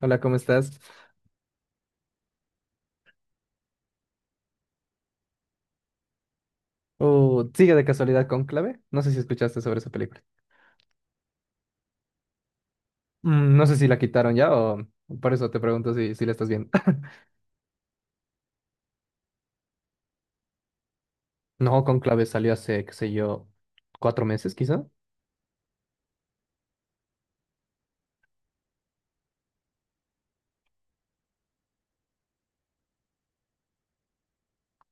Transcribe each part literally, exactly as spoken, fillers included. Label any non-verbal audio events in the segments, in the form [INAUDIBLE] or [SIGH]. Hola, ¿cómo estás? Oh, ¿sigue de casualidad Cónclave? No sé si escuchaste sobre esa película. Mm, no sé si la quitaron ya o por eso te pregunto si, si la estás viendo. [LAUGHS] No, Cónclave salió hace, qué sé yo, cuatro meses quizá.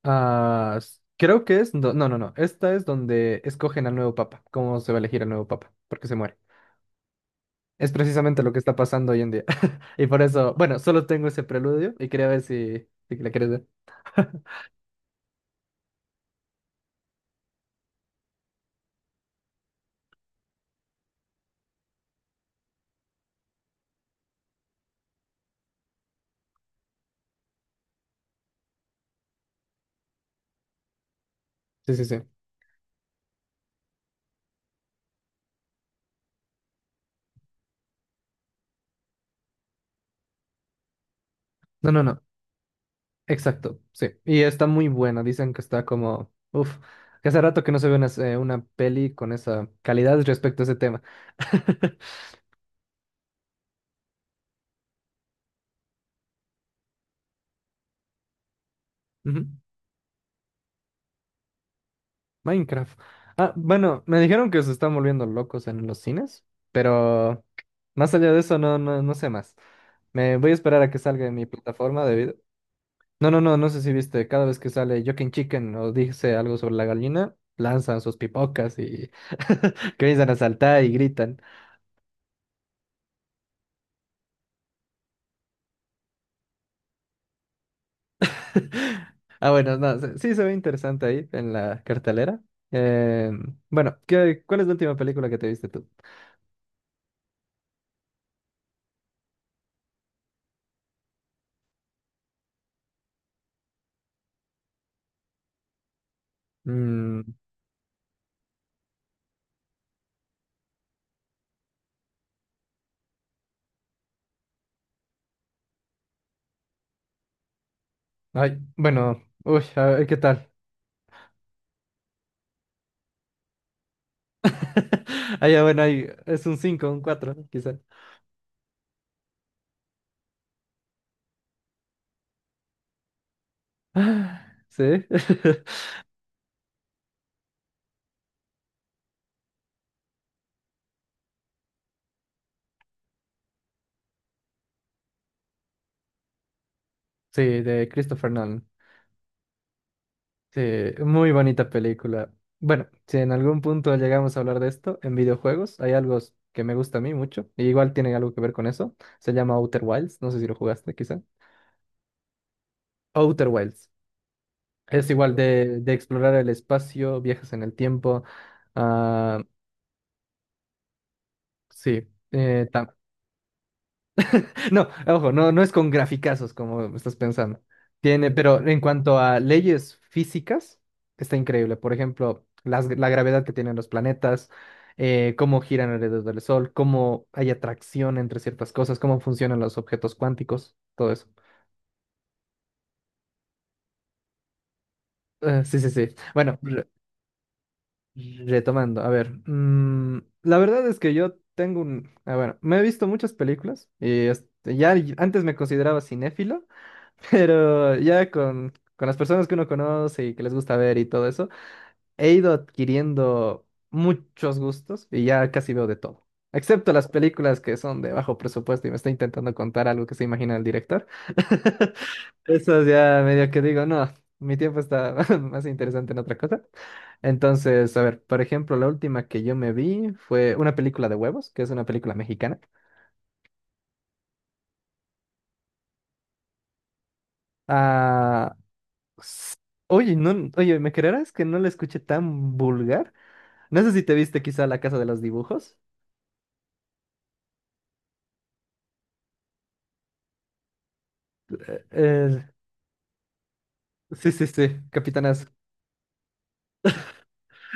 Ah, s- creo que es... No, no, no, no. Esta es donde escogen al nuevo papa, cómo se va a elegir al nuevo papa, porque se muere. Es precisamente lo que está pasando hoy en día. [LAUGHS] Y por eso, bueno, solo tengo ese preludio y quería ver si, si la quieres ver. Sí, sí, sí. No, no, no. Exacto, sí. Y está muy buena. Dicen que está como, uff, que hace rato que no se ve una, eh, una peli con esa calidad respecto a ese tema. [LAUGHS] Ujú. Minecraft. Ah, bueno, me dijeron que se están volviendo locos en los cines, pero más allá de eso no, no, no sé más. Me voy a esperar a que salga en mi plataforma de video. No, no, no, no sé si viste, cada vez que sale Joking Chicken o dice algo sobre la gallina, lanzan sus pipocas y [LAUGHS] comienzan a saltar y gritan. [LAUGHS] Ah, bueno, no, se- sí se ve interesante ahí en la cartelera. Eh, bueno, ¿qué, cuál es la última película que te viste tú? Mm, ay, bueno, uy, a ver, ¿qué tal? [LAUGHS] Ah, ya, bueno, ahí es un cinco, un cuatro, quizá. [GASPS] Ah, sí, [LAUGHS] sí, de Christopher Nolan. Sí, muy bonita película. Bueno, si en algún punto llegamos a hablar de esto, en videojuegos hay algo s- que me gusta a mí mucho, y igual tiene algo que ver con eso. Se llama Outer Wilds, no sé si lo jugaste, quizá. Outer Wilds. Es igual de, de explorar el espacio, viajes en el tiempo. Ah, sí. eh, tam- [LAUGHS] No, ojo, no, no es con graficazos como estás pensando. Tiene, pero en cuanto a leyes físicas, está increíble. Por ejemplo, las- la gravedad que tienen los planetas, eh, cómo giran alrededor del Sol, cómo hay atracción entre ciertas cosas, cómo funcionan los objetos cuánticos, todo eso. Eh, sí, sí, sí. Bueno, retomando, a ver, mm, la verdad es que yo tengo un, ah, bueno, me he visto muchas películas y este, ya y- antes me consideraba cinéfilo, [LAUGHS] pero ya con, con las personas que uno conoce y que les gusta ver y todo eso, he ido adquiriendo muchos gustos y ya casi veo de todo, excepto las películas que son de bajo presupuesto y me está intentando contar algo que se imagina el director. [LAUGHS] Eso es ya medio que digo, no, mi tiempo está [LAUGHS] más interesante en otra cosa. Entonces, a ver, por ejemplo, la última que yo me vi fue una película de huevos, que es una película mexicana. Ah, s- oye, no, oye, ¿me creerás que no la escuché tan vulgar? No sé si te viste quizá La Casa de los Dibujos. Eh, sí, sí, sí, Capitana.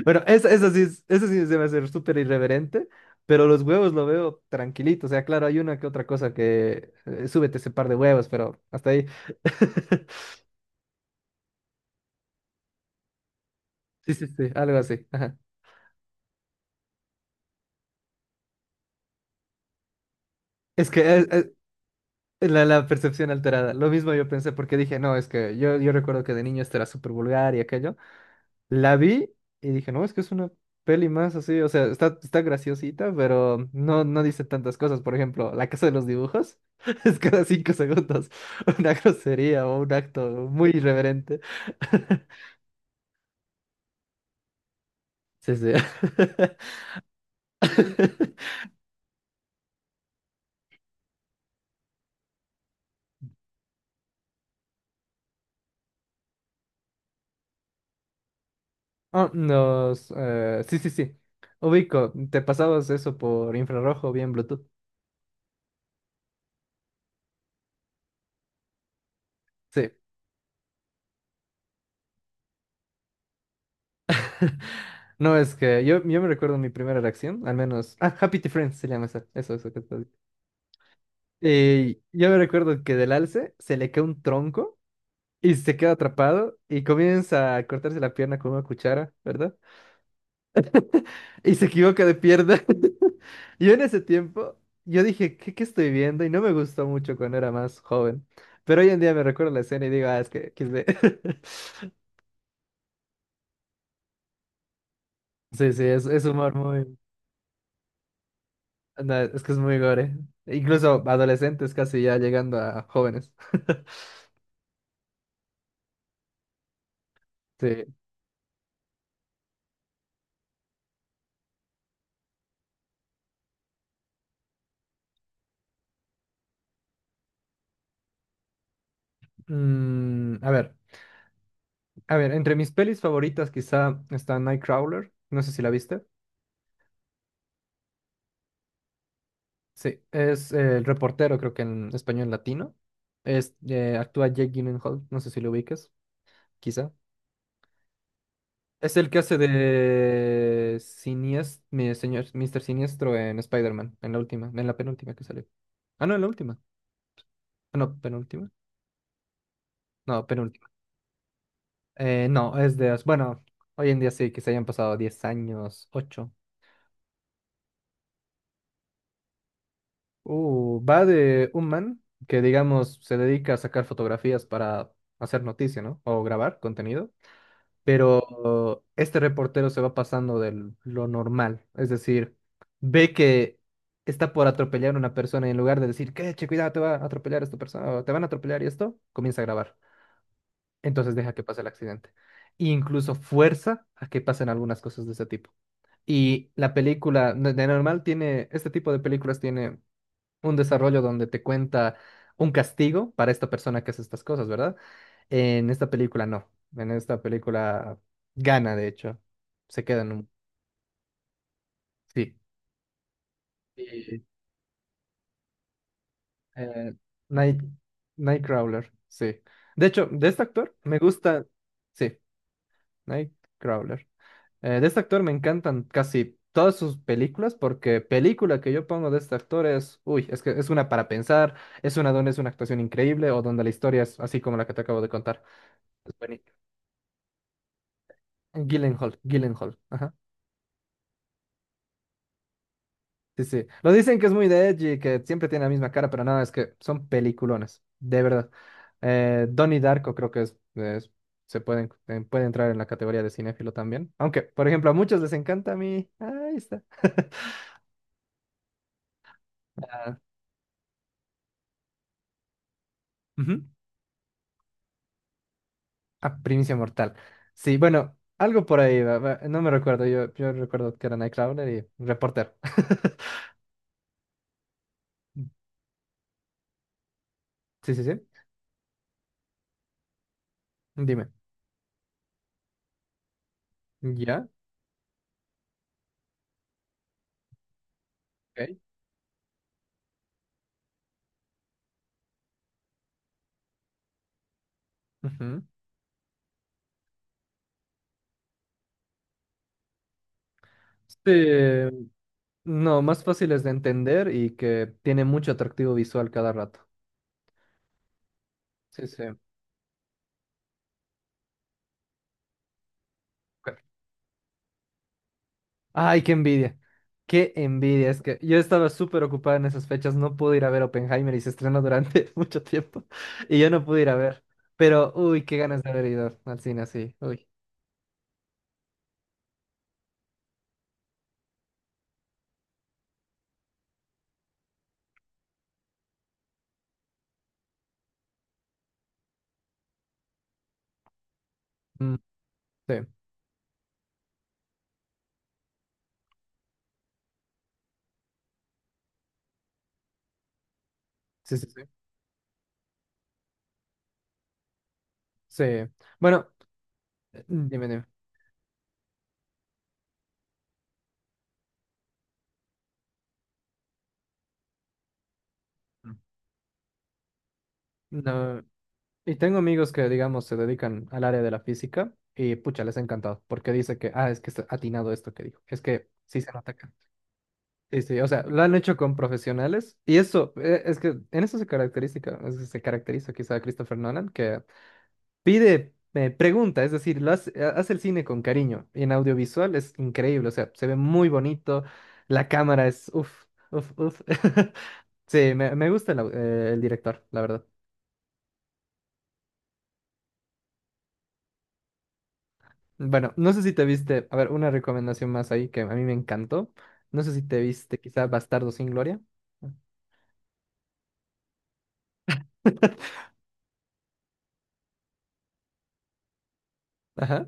Bueno, eso, eso sí, es- eso sí se me hace súper irreverente, pero los huevos lo veo tranquilito. O sea, claro, hay una que otra cosa que eh, súbete ese par de huevos, pero hasta ahí. [LAUGHS] Sí, sí, sí, algo así. Ajá. Es que eh, eh, la, la percepción alterada. Lo mismo yo pensé porque dije, no, es que yo, yo recuerdo que de niño esto era súper vulgar y aquello. La vi y dije, no, es que es una peli más así, o sea, está, está graciosita, pero no, no dice tantas cosas. Por ejemplo, La Casa de los Dibujos [LAUGHS] es cada cinco segundos [LAUGHS] una grosería o un acto muy irreverente. [LAUGHS] Sí, sí. [LAUGHS] Ah, nos, eh, sí, sí, sí. Ubico, te pasabas eso por infrarrojo o bien Bluetooth. Sí. No, es que yo, yo me recuerdo mi primera reacción, al menos. Ah, Happy Tree Friends se llama esa. Eso, eso que estás. Y yo me recuerdo que del alce se le cae un tronco y se queda atrapado y comienza a cortarse la pierna con una cuchara, ¿verdad? Y se equivoca de pierna. [LAUGHS] Yo en ese tiempo, yo dije, ¿qué, qué estoy viendo? Y no me gustó mucho cuando era más joven. Pero hoy en día me recuerdo la escena y digo, ah, es que quise... [LAUGHS] Sí, sí, es, es humor muy... No, es que es muy gore. Incluso adolescentes casi ya llegando a jóvenes. [LAUGHS] Sí. Mm, a ver. A ver, entre mis pelis favoritas quizá está Nightcrawler, no sé si la viste. Sí, es eh, el reportero, creo que en español latino. Es, eh, actúa Jake Gyllenhaal, no sé si lo ubicas, quizá. Es el que hace de Siniestro, mi señor, mister Siniestro en Spider-Man, en la última, en la penúltima que salió. Ah, no, en la última. Ah, no, penúltima. No, penúltima. Eh, no, es de... Bueno, hoy en día sí, que se hayan pasado diez años, ocho. Uh, va de un man que, digamos, se dedica a sacar fotografías para hacer noticia, ¿no? O grabar contenido. Pero este reportero se va pasando de lo normal. Es decir, ve que está por atropellar a una persona y en lugar de decir, que che, cuidado, te va a atropellar esta persona o te van a atropellar y esto, comienza a grabar. Entonces deja que pase el accidente. E incluso fuerza a que pasen algunas cosas de ese tipo. Y la película, de de normal, tiene, este tipo de películas tiene un desarrollo donde te cuenta un castigo para esta persona que hace estas cosas, ¿verdad? En esta película no. En esta película gana, de hecho. Se queda en un... Sí. Sí. Eh, Night... Nightcrawler, sí. De hecho, de este actor me gusta... Sí, Nightcrawler. Eh, de este actor me encantan casi todas sus películas porque película que yo pongo de este actor es... Uy, es que es una para pensar, es una donde es una actuación increíble o donde la historia es así como la que te acabo de contar. Es buenísimo. Gyllenhaal, Gyllenhaal, ajá. Sí, sí. Lo dicen que es muy de edgy, que siempre tiene la misma cara, pero nada, es que son peliculones, de verdad. Eh, Donnie Darko creo que es, es- se pueden, eh, puede entrar en la categoría de cinéfilo también. Aunque, por ejemplo, a muchos les encanta a mí. Ahí está. [LAUGHS] Ah, ujú. Ah, Primicia Mortal. Sí, bueno, algo por ahí, va, va, no me recuerdo, yo, yo recuerdo que era Nightcrawler y Reporter. [LAUGHS] Sí, sí, sí. Dime. ¿Ya? Ok, ujú. Sí, no, más fáciles de entender y que tiene mucho atractivo visual cada rato. Sí, sí. Ok. Ay, qué envidia. Qué envidia. Es que yo estaba súper ocupada en esas fechas. No pude ir a ver Oppenheimer y se estrenó durante [LAUGHS] mucho tiempo. Y yo no pude ir a ver. Pero, uy, qué ganas de haber ido al cine así. Uy. Mm, sí, sí, sí, sí. Sí. Bueno, eh, dime, dime. Mm. No. Y tengo amigos que, digamos, se dedican al área de la física y pucha, les ha encantado porque dice que, ah, es que está atinado esto que dijo. Es que sí se nota acá. Sí, sí, o sea, lo han hecho con profesionales y eso, eh, es que en eso se caracteriza, es que se caracteriza quizá Christopher Nolan, que pide, eh, pregunta, es decir, lo hace, ha- hace el cine con cariño y en audiovisual es increíble, o sea, se ve muy bonito, la cámara es, uff, uff, uff. [LAUGHS] Sí, me, me gusta el, au- eh, el director, la verdad. Bueno, no sé si te viste, a ver, una recomendación más ahí que a mí me encantó. No sé si te viste quizá Bastardo sin Gloria. [LAUGHS] Ajá.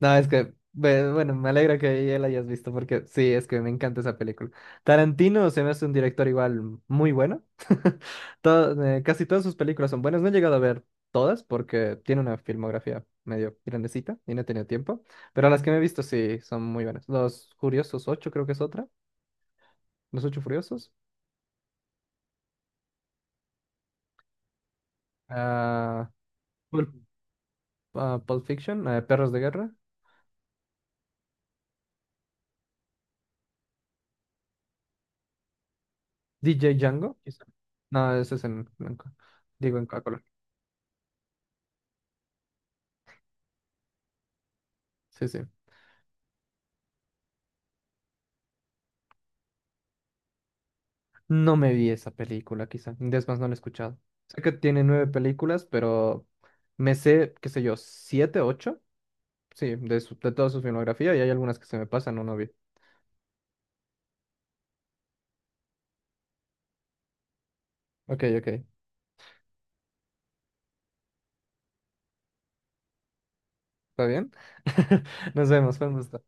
No, es que, be- bueno, me alegra que ya la hayas visto porque sí, es que me encanta esa película. Tarantino se me hace un director igual muy bueno. [LAUGHS] Todo- eh, casi todas sus películas son buenas. No he llegado a ver todas porque tiene una filmografía medio grandecita y no he tenido tiempo. Pero las que me he visto sí son muy buenas. Los Furiosos ocho creo que es otra. Los Ocho Furiosos. Ah, Pulp ah, Pulp Fiction, eh, Perros de Guerra, D J Django. Quizá. No, ese es en blanco. Digo, en a color. Sí, sí. No me vi esa película, quizá. Es más, no la he escuchado. Sé que tiene nueve películas, pero me sé, qué sé yo, siete, ocho. Sí, de, su- de toda su filmografía y hay algunas que se me pasan o no vi. Ok, ok. ¿Está bien? [LAUGHS] Nos vemos, fue un gusto.